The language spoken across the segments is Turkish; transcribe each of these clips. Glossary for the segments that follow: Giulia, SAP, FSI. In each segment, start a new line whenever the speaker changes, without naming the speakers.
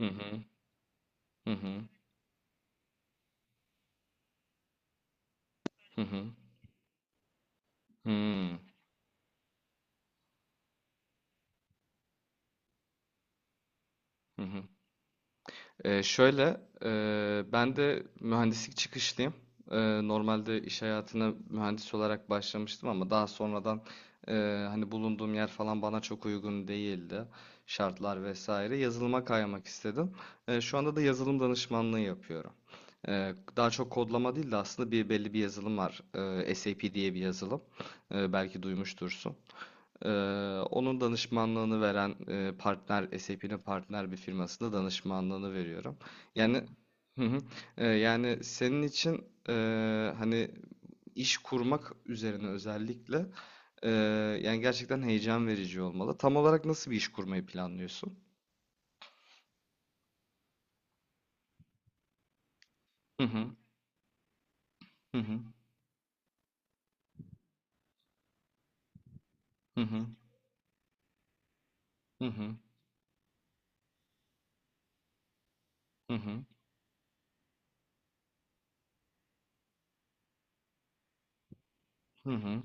Hı hı, hı hı, hı hı, hmm, hı hı. Şöyle, ben de mühendislik çıkışlıyım. Normalde iş hayatına mühendis olarak başlamıştım ama daha sonradan e, hani bulunduğum yer falan bana çok uygun değildi. Şartlar vesaire. Yazılıma kaymak istedim. Şu anda da yazılım danışmanlığı yapıyorum. Daha çok kodlama değil de aslında bir belli bir yazılım var. SAP diye bir yazılım. Belki duymuştursun. Ee, Onun danışmanlığını veren SAP'nin partner bir firmasında danışmanlığını veriyorum. Yani, hı hı. Yani, senin için hani iş kurmak üzerine özellikle e, yani gerçekten heyecan verici olmalı. Tam olarak nasıl bir iş kurmayı planlıyorsun? Hı hı. Hı hı. Hı hı. Hı hı. Hı hı. Hı hı.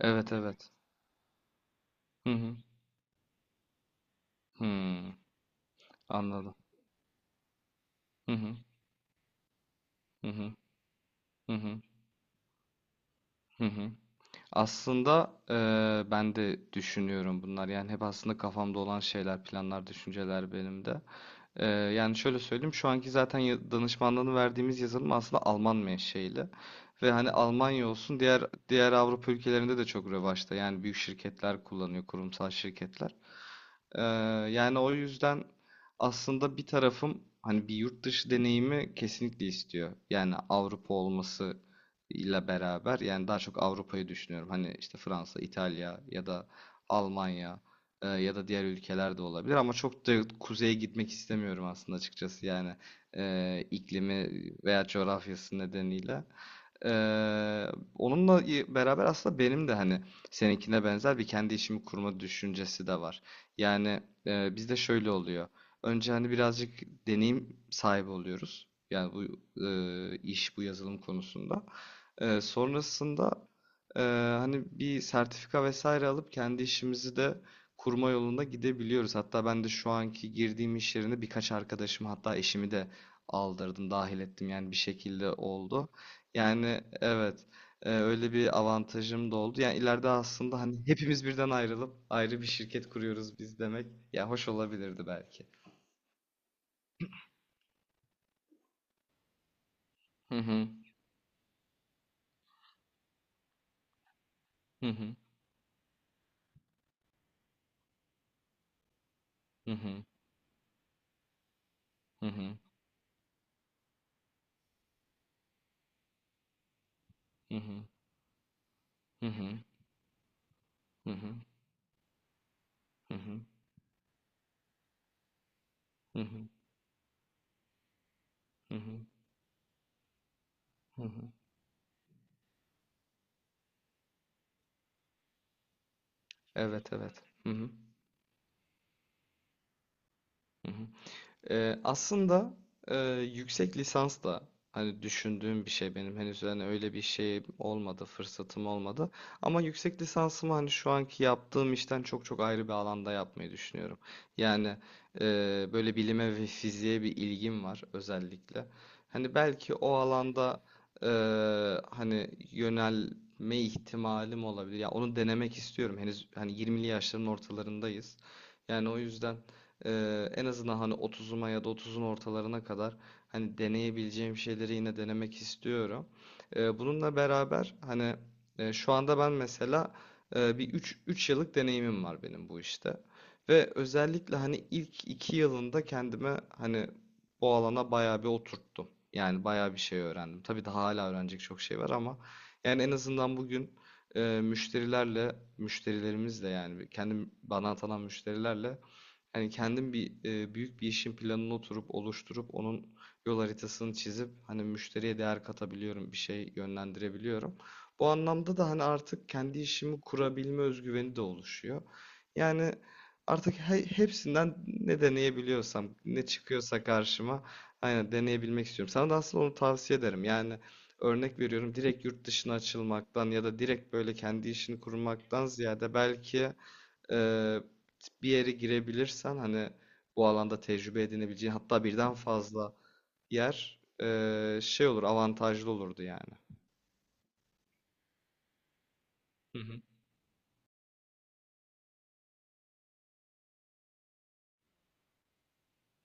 Evet, evet. Hı hı. Hmm. Anladım. Hı hı. Hı hı. Hı hı. Hı hı. Aslında ben de düşünüyorum bunlar. Yani hep aslında kafamda olan şeyler, planlar, düşünceler benim de. Yani şöyle söyleyeyim, şu anki zaten danışmanlığını verdiğimiz yazılım aslında Alman menşeili. Ve hani Almanya olsun diğer Avrupa ülkelerinde de çok revaçta. Yani büyük şirketler kullanıyor, kurumsal şirketler. Ee, Yani o yüzden aslında bir tarafım hani bir yurt dışı deneyimi kesinlikle istiyor. Yani Avrupa olması ile beraber yani daha çok Avrupa'yı düşünüyorum. Hani işte Fransa, İtalya ya da Almanya ya da diğer ülkeler de olabilir ama çok da kuzeye gitmek istemiyorum aslında açıkçası yani iklimi veya coğrafyası nedeniyle. Eee, Onunla beraber aslında benim de hani seninkine benzer bir kendi işimi kurma düşüncesi de var. Yani bizde şöyle oluyor. Önce hani birazcık deneyim sahibi oluyoruz. Yani bu iş, bu yazılım konusunda. Sonrasında eee, hani bir sertifika vesaire alıp kendi işimizi de kurma yolunda gidebiliyoruz. Hatta ben de şu anki girdiğim iş yerine birkaç arkadaşım hatta eşimi de aldırdım, dahil ettim. Yani bir şekilde oldu. Yani evet, öyle bir avantajım da oldu. Yani ileride aslında hani hepimiz birden ayrılıp ayrı bir şirket kuruyoruz biz demek. Ya, hoş olabilirdi belki. Hı hı. Hı hı. Hı hı. Hı hı. Hı hı. Hı hı. Hı hı. Hı hı. Hı hı. Hı hı. Evet, evet. Hı hı. Hı hı. Aslında e, yüksek lisans da hani düşündüğüm bir şey benim, henüz hani öyle bir şey olmadı, fırsatım olmadı ama yüksek lisansımı hani şu anki yaptığım işten çok çok ayrı bir alanda yapmayı düşünüyorum. Yani e, böyle bilime ve fiziğe bir ilgim var özellikle. Hani belki o alanda e, hani yönelme ihtimalim olabilir. Ya, onu denemek istiyorum. Henüz hani 20'li yaşların ortalarındayız. Yani o yüzden. En azından hani 30'uma ya da 30'un ortalarına kadar hani deneyebileceğim şeyleri yine denemek istiyorum. Bununla beraber hani şu anda ben mesela bir 3 yıllık deneyimim var benim bu işte. Ve özellikle hani ilk 2 yılında kendime hani bu alana bayağı bir oturttum. Yani bayağı bir şey öğrendim. Tabii daha hala öğrenecek çok şey var ama yani en azından bugün müşterilerle, müşterilerimizle yani kendi bana atanan müşterilerle. Hani kendim bir büyük bir işin planını oturup oluşturup onun yol haritasını çizip hani müşteriye değer katabiliyorum, bir şey yönlendirebiliyorum. Bu anlamda da hani artık kendi işimi kurabilme özgüveni de oluşuyor. Yani artık hepsinden ne deneyebiliyorsam, ne çıkıyorsa karşıma aynen deneyebilmek istiyorum. Sana da aslında onu tavsiye ederim. Yani örnek veriyorum, direkt yurt dışına açılmaktan ya da direkt böyle kendi işini kurmaktan ziyade belki ee, bir yere girebilirsen hani bu alanda tecrübe edinebileceğin, hatta birden fazla yer şey olur, avantajlı olurdu yani. Hı hı.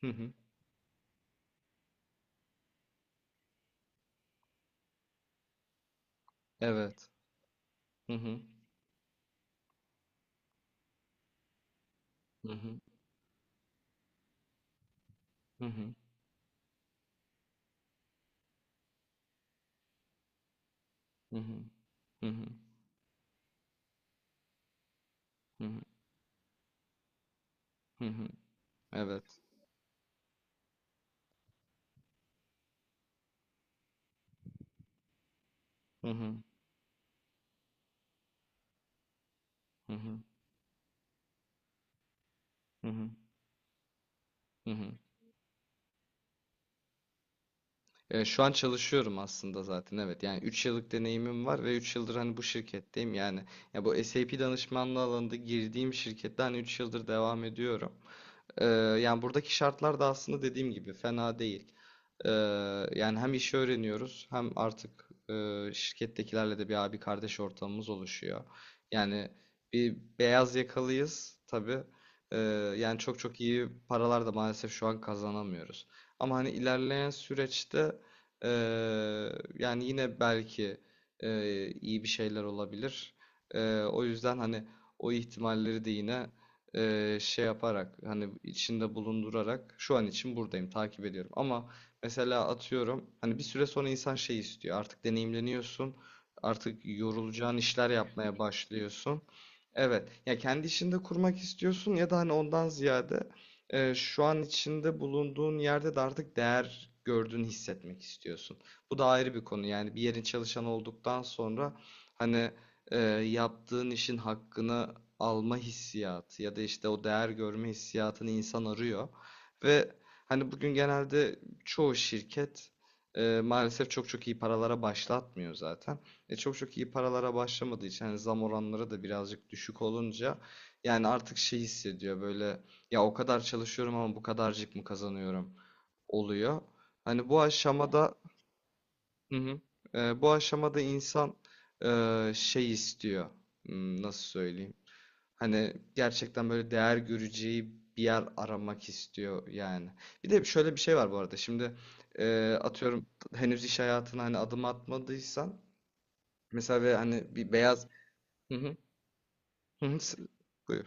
Hı hı. Evet. Hı hı. Hı hı. Hı hı. Hı hı. Hı hı. Hı hı. Hı hı. Evet. Hı hı. Hı hı. Hı hı. Hı hı. Şu an çalışıyorum aslında, zaten evet, yani 3 yıllık deneyimim var ve 3 yıldır hani bu şirketteyim yani, ya bu SAP danışmanlığı alanında girdiğim şirkette hani 3 yıldır devam ediyorum. Ee, Yani buradaki şartlar da aslında dediğim gibi fena değil. Ee, Yani hem işi öğreniyoruz hem artık şirkettekilerle de bir abi kardeş ortamımız oluşuyor. Yani bir beyaz yakalıyız tabii. Ee, Yani çok çok iyi paralar da maalesef şu an kazanamıyoruz. Ama hani ilerleyen süreçte e, yani yine belki iyi bir şeyler olabilir. O yüzden hani o ihtimalleri de yine şey yaparak, hani içinde bulundurarak şu an için buradayım, takip ediyorum. Ama mesela atıyorum hani bir süre sonra insan şey istiyor, artık deneyimleniyorsun, artık yorulacağın işler yapmaya başlıyorsun. Evet, ya kendi işinde kurmak istiyorsun ya da hani ondan ziyade şu an içinde bulunduğun yerde de artık değer gördüğünü hissetmek istiyorsun. Bu da ayrı bir konu yani, bir yerin çalışanı olduktan sonra hani e, yaptığın işin hakkını alma hissiyatı ya da işte o değer görme hissiyatını insan arıyor. Ve hani bugün genelde çoğu şirket maalesef çok çok iyi paralara başlatmıyor zaten. Çok çok iyi paralara başlamadığı için hani zam oranları da birazcık düşük olunca yani artık şey hissediyor böyle, ya o kadar çalışıyorum ama bu kadarcık mı kazanıyorum oluyor. Hani bu aşamada. Hı hı. Bu aşamada insan şey istiyor. Nasıl söyleyeyim? Hani gerçekten böyle değer göreceği bir yer aramak istiyor yani. Bir de şöyle bir şey var bu arada. Şimdi atıyorum, henüz iş hayatına hani adım atmadıysan mesela, ve hani bir beyaz. Hı hı. Hı hı. Buyur.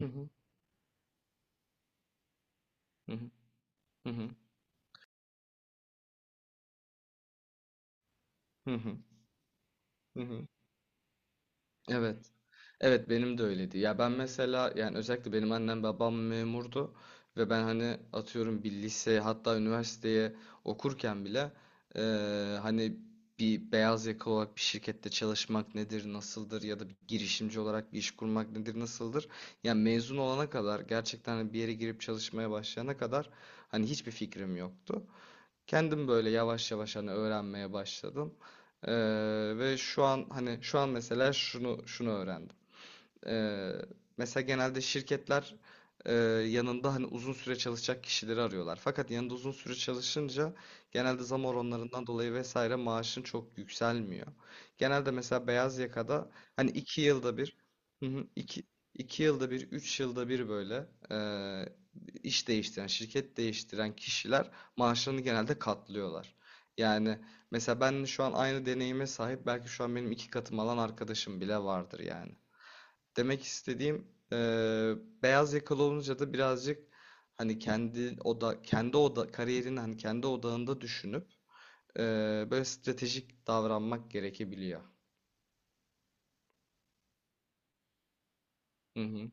Hı. Hı hı. Hı hı. Hı hı. Hı hı. Evet. Evet, benim de öyleydi. Ya ben mesela yani özellikle benim annem babam memurdu ve ben hani atıyorum bir liseye, hatta üniversiteye okurken bile hani bir beyaz yakalı olarak bir şirkette çalışmak nedir, nasıldır ya da bir girişimci olarak bir iş kurmak nedir, nasıldır? Yani mezun olana kadar, gerçekten hani bir yere girip çalışmaya başlayana kadar hani hiçbir fikrim yoktu. Kendim böyle yavaş yavaş hani öğrenmeye başladım. Eee, Ve şu an hani şu an mesela şunu şunu öğrendim. Ee, Mesela genelde şirketler e, yanında hani uzun süre çalışacak kişileri arıyorlar. Fakat yanında uzun süre çalışınca genelde zam oranlarından dolayı vesaire maaşın çok yükselmiyor. Genelde mesela beyaz yakada hani 2 yılda bir, hı hı, iki yılda bir, 3 yılda bir, böyle e, iş değiştiren, şirket değiştiren kişiler maaşlarını genelde katlıyorlar. Yani mesela ben şu an aynı deneyime sahip belki şu an benim iki katım alan arkadaşım bile vardır yani. Demek istediğim beyaz yakalı olunca da birazcık hani kendi oda kendi oda kariyerini hani kendi odağında düşünüp böyle stratejik davranmak gerekebiliyor. Hı hı,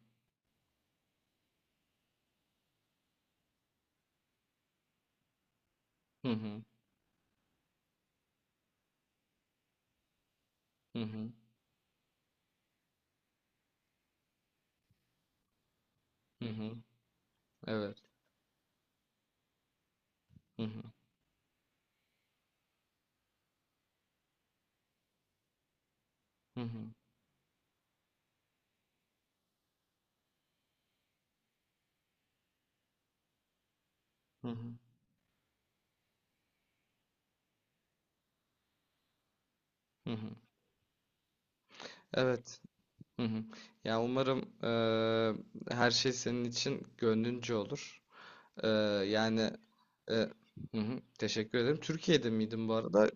hı hı, hı hı, hı hı. Evet. Hı hı, hı hı, hı hı, hı hı. Evet. Hı hı. Ya, umarım her şey senin için gönlünce olur. Eee, Yani, e, hı hı. Teşekkür ederim. Türkiye'de miydin bu arada?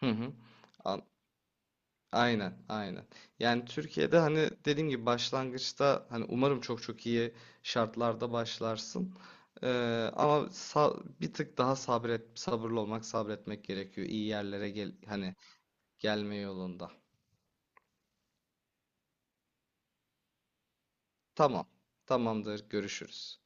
Hı hı. An- Aynen, aynen. Yani Türkiye'de hani dediğim gibi başlangıçta hani umarım çok çok iyi şartlarda başlarsın. Ama bir tık daha sabret, sabırlı olmak, sabretmek gerekiyor. İyi yerlere gel hani, gelme yolunda. Tamam, tamamdır. Görüşürüz.